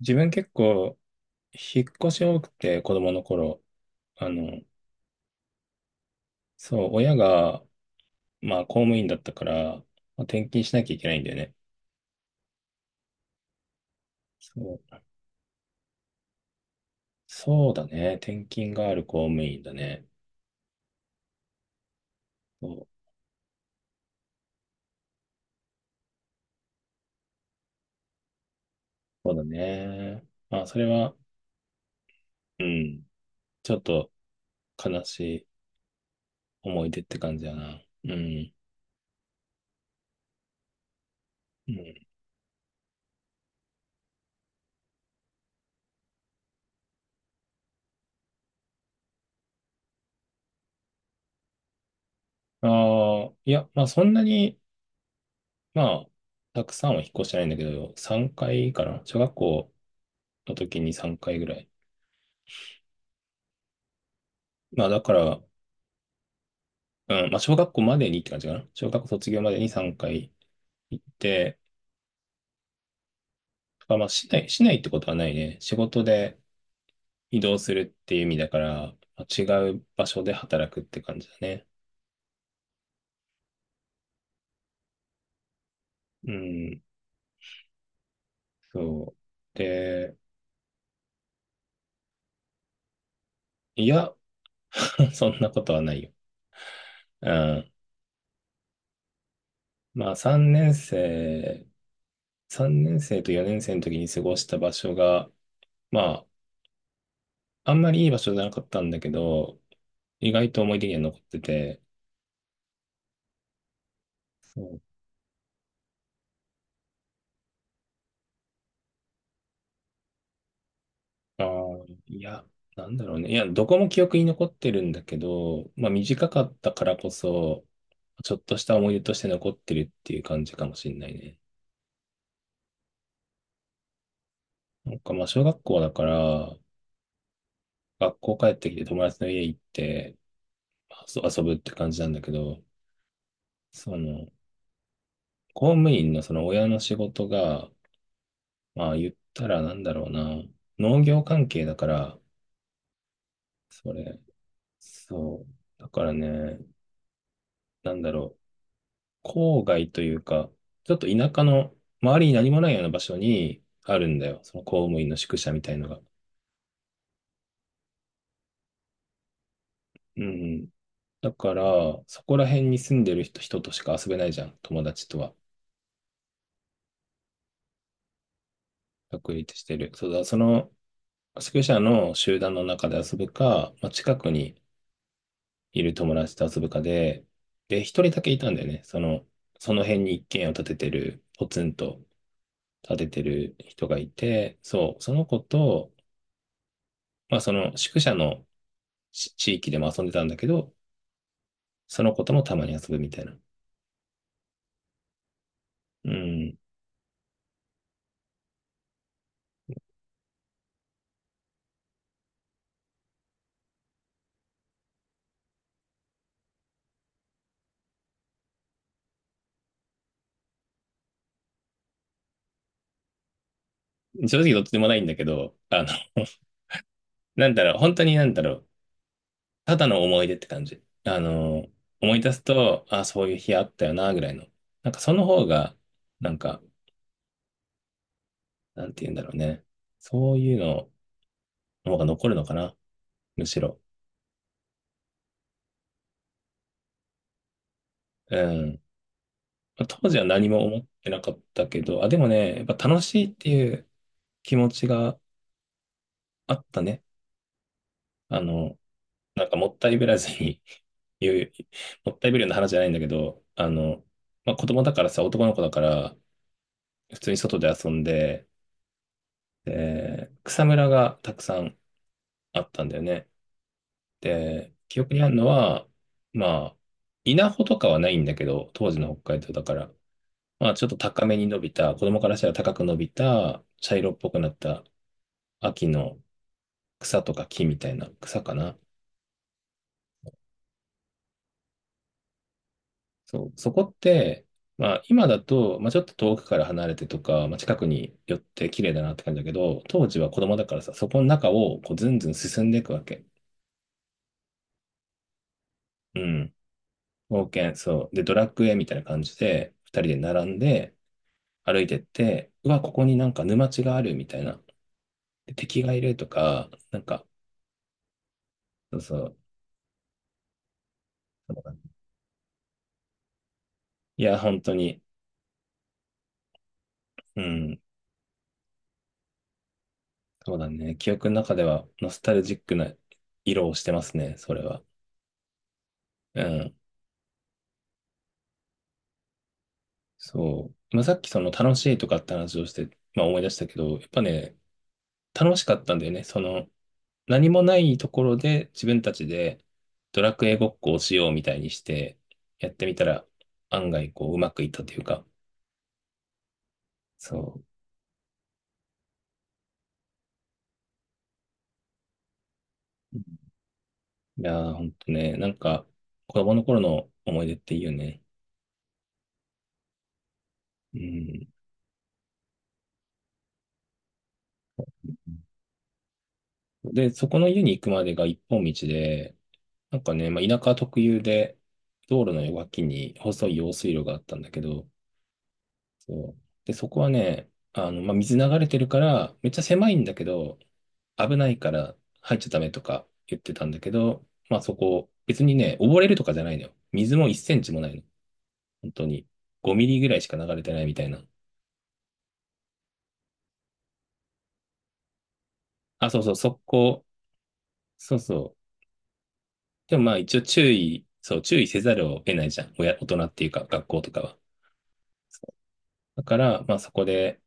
自分結構、引っ越し多くて、子供の頃。あの、そう、親が、まあ、公務員だったから、まあ、転勤しなきゃいけないんだよね。そう、そうだね。転勤がある公務員だね。そう、そうだね。まあ、それは、うん、ちょっと悲しい思い出って感じだな。うん、うん。ああ、いや、まあ、そんなに、まあ、たくさんは引っ越してないんだけど、3回かいかな。小学校の時に3回ぐらい。まあだから、うん、まあ、小学校までにって感じかな。小学校卒業までに3回行って、まあ、まあ、市内ってことはないね。仕事で移動するっていう意味だから、まあ違う場所で働くって感じだね。うん、そう。で、いや、そんなことはないよ。うん。まあ、3年生と4年生の時に過ごした場所が、まあ、あんまりいい場所じゃなかったんだけど、意外と思い出には残ってて、そう。ああ、いや、なんだろうね。いや、どこも記憶に残ってるんだけど、まあ短かったからこそ、ちょっとした思い出として残ってるっていう感じかもしんないね。なんかまあ小学校だから、学校帰ってきて友達の家行って、遊ぶって感じなんだけど、その、公務員のその親の仕事が、まあ言ったらなんだろうな、農業関係だから、それ、そう。だからね、なんだろう。郊外というか、ちょっと田舎の周りに何もないような場所にあるんだよ。その公務員の宿舎みたいのが。うん。だから、そこら辺に住んでる人としか遊べないじゃん。友達とは。確立してる。そうだ、その宿舎の集団の中で遊ぶか、まあ、近くにいる友達と遊ぶかで、で、一人だけいたんだよね。その、その辺に一軒家を建ててる、ポツンと建ててる人がいて、そう、その子と、まあ、その宿舎の地域でも遊んでたんだけど、その子ともたまに遊ぶみたいな。うん。正直どっちでもないんだけど、あの、なんだろう、本当になんだろう、ただの思い出って感じ。あの、思い出すと、あ、そういう日あったよな、ぐらいの。なんかその方が、なんか、なんて言うんだろうね。そういうのの方が残るのかな、むしろ。うん。まあ当時は何も思ってなかったけど、あ、でもね、やっぱ楽しいっていう気持ちがあったね。あの、なんかもったいぶらずに 言う、もったいぶるような話じゃないんだけど、あの、まあ、子供だからさ、男の子だから、普通に外で遊んで、で、草むらがたくさんあったんだよね。で、記憶にあるのは、まあ、稲穂とかはないんだけど、当時の北海道だから、まあ、ちょっと高めに伸びた、子供からしたら高く伸びた、茶色っぽくなった秋の草とか木みたいな草かな。そう、そこって、まあ今だと、まあちょっと遠くから離れてとか、まあ近くに寄って綺麗だなって感じだけど、当時は子供だからさ、そこの中をこうずんずん進んでいくわけ。うん。冒険、そう。で、ドラクエみたいな感じで、二人で並んで歩いてって、うわ、ここになんか沼地があるみたいな。で、敵がいるとか、なんか、そうそう。そうだね。いや、本当に、うん。そうだね。記憶の中ではノスタルジックな色をしてますね、それは。うん。そう。まあ、さっきその楽しいとかって話をして、まあ、思い出したけど、やっぱね、楽しかったんだよね。その、何もないところで自分たちでドラクエごっこをしようみたいにして、やってみたら案外こううまくいったというか、そう。いやー、ほんとね、なんか子供の頃の思い出っていいよね。うん。で、そこの家に行くまでが一本道で、なんかね、まあ、田舎特有で、道路の脇に細い用水路があったんだけど、そう。で、そこはね、あの、まあ、水流れてるから、めっちゃ狭いんだけど、危ないから入っちゃダメとか言ってたんだけど、まあそこ、別にね、溺れるとかじゃないのよ。水も1センチもないの。本当に。5ミリぐらいしか流れてないみたいな。あ、そうそう、速攻。そうそう。でもまあ一応注意、そう、注意せざるを得ないじゃん。親、大人っていうか、学校とかは。だから、まあそこで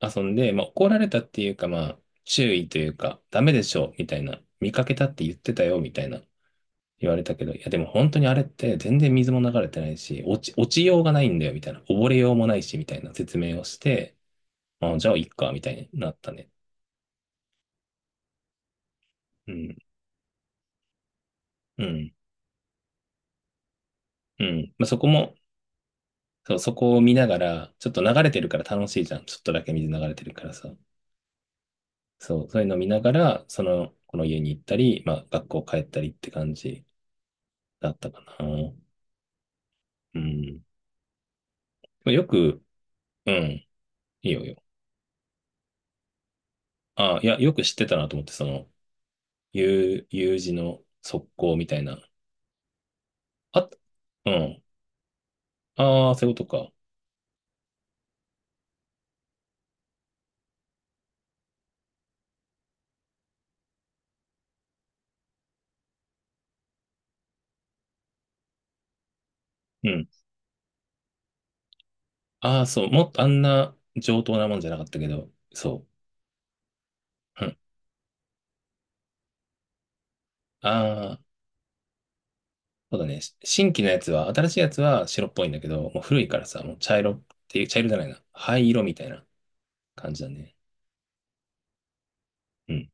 遊んで、まあ怒られたっていうか、まあ注意というか、ダメでしょ、みたいな。見かけたって言ってたよ、みたいな。言われたけど、いやでも本当にあれって全然水も流れてないし、落ちようがないんだよみたいな、溺れようもないしみたいな説明をして、あ、じゃあいっかみたいになったね。うん、うん、うん。まあ、そこも、そう、そこを見ながら、ちょっと流れてるから楽しいじゃん。ちょっとだけ水流れてるからさ。そう、そういうのを見ながら、その、この家に行ったり、まあ学校帰ったりって感じだったかな。うん。よく、うん、いいよいいよ。あ、いや、よく知ってたなと思って、その、U、U 字の側溝みたいな。あ、うん。ああ、そういうことか。うん。ああ、そう。もっとあんな上等なもんじゃなかったけど、そう。うん。ああ、そうだね。し新規のやつは、新しいやつは白っぽいんだけど、もう古いからさ、もう茶色っていう、茶色じゃないな。灰色みたいな感じだね。うん。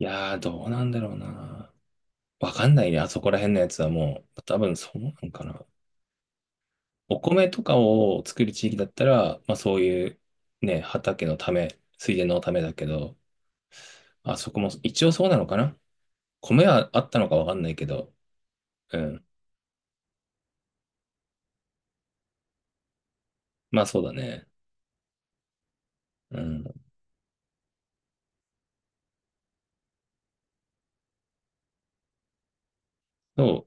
いやー、どうなんだろうな。わかんないね。あそこら辺のやつはもう、多分そうなんかな。お米とかを作る地域だったら、まあそういうね、畑のため、水田のためだけど、あそこも一応そうなのかな。米はあったのかわかんないけど、うん。まあそうだね。うん。そう、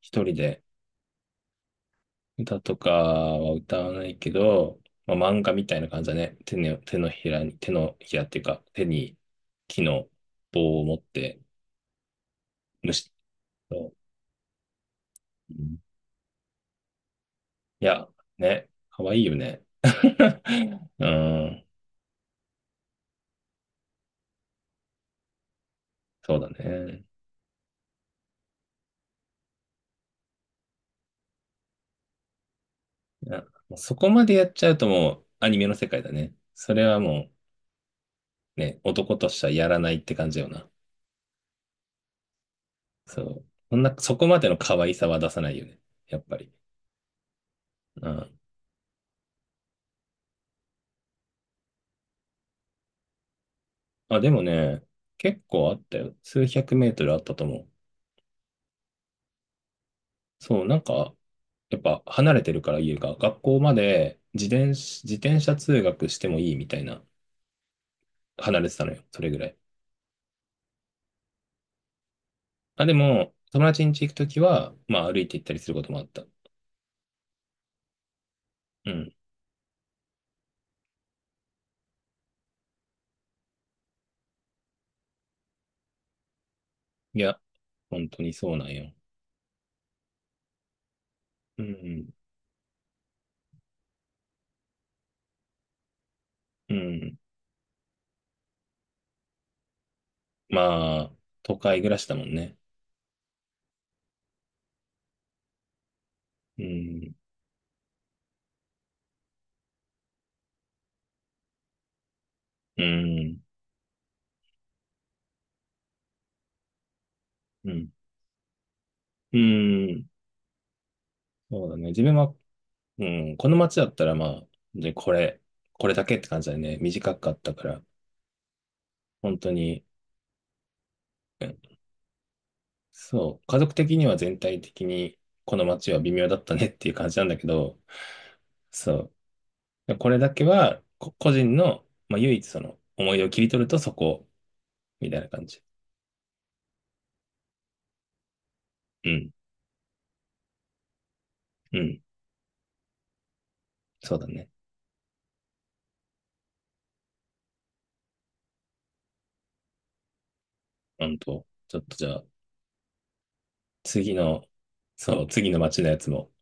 一人で歌とかは歌わないけど、まあ、漫画みたいな感じだね。手のひらに、手のひらっていうか、手に木の棒を持って、虫と、うん。いや、ね、かわいいよね。うん、そうだね。いや、そこまでやっちゃうともうアニメの世界だね。それはもうね、男としてはやらないって感じよな。そう。そんな、そこまでの可愛さは出さないよね。やっぱり。うん。あ、でもね、結構あったよ。数百メートルあったと思う。そう、なんか、やっぱ離れてるから家が、学校まで自転車通学してもいいみたいな、離れてたのよ。それぐらい。あ、でも、友達ん家行くときは、まあ歩いて行ったりすることもあった。うん。いや、本当にそうなんよ。うん。うん。まあ、都会暮らしだもんね。うん。うん。うん。うん。そうだね。自分は、うん、この街だったらまあ、で、これだけって感じだね。短かったから、本当に、うん、そう、家族的には全体的にこの街は微妙だったねっていう感じなんだけど、そう、でこれだけは個人の、まあ、唯一その思い出を切り取るとそこ、みたいな感じ。うん、うん、そうだね。うんと、ちょっとじゃあ、次の、そう、次の街のやつも、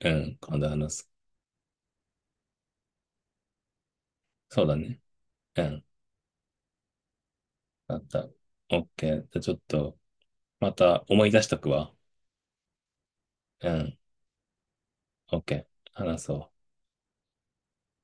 うん、今度話す。そうだね。うん。あった。オッケー。じゃあちょっと、また思い出しとくわ。うん。オッケー。話そう。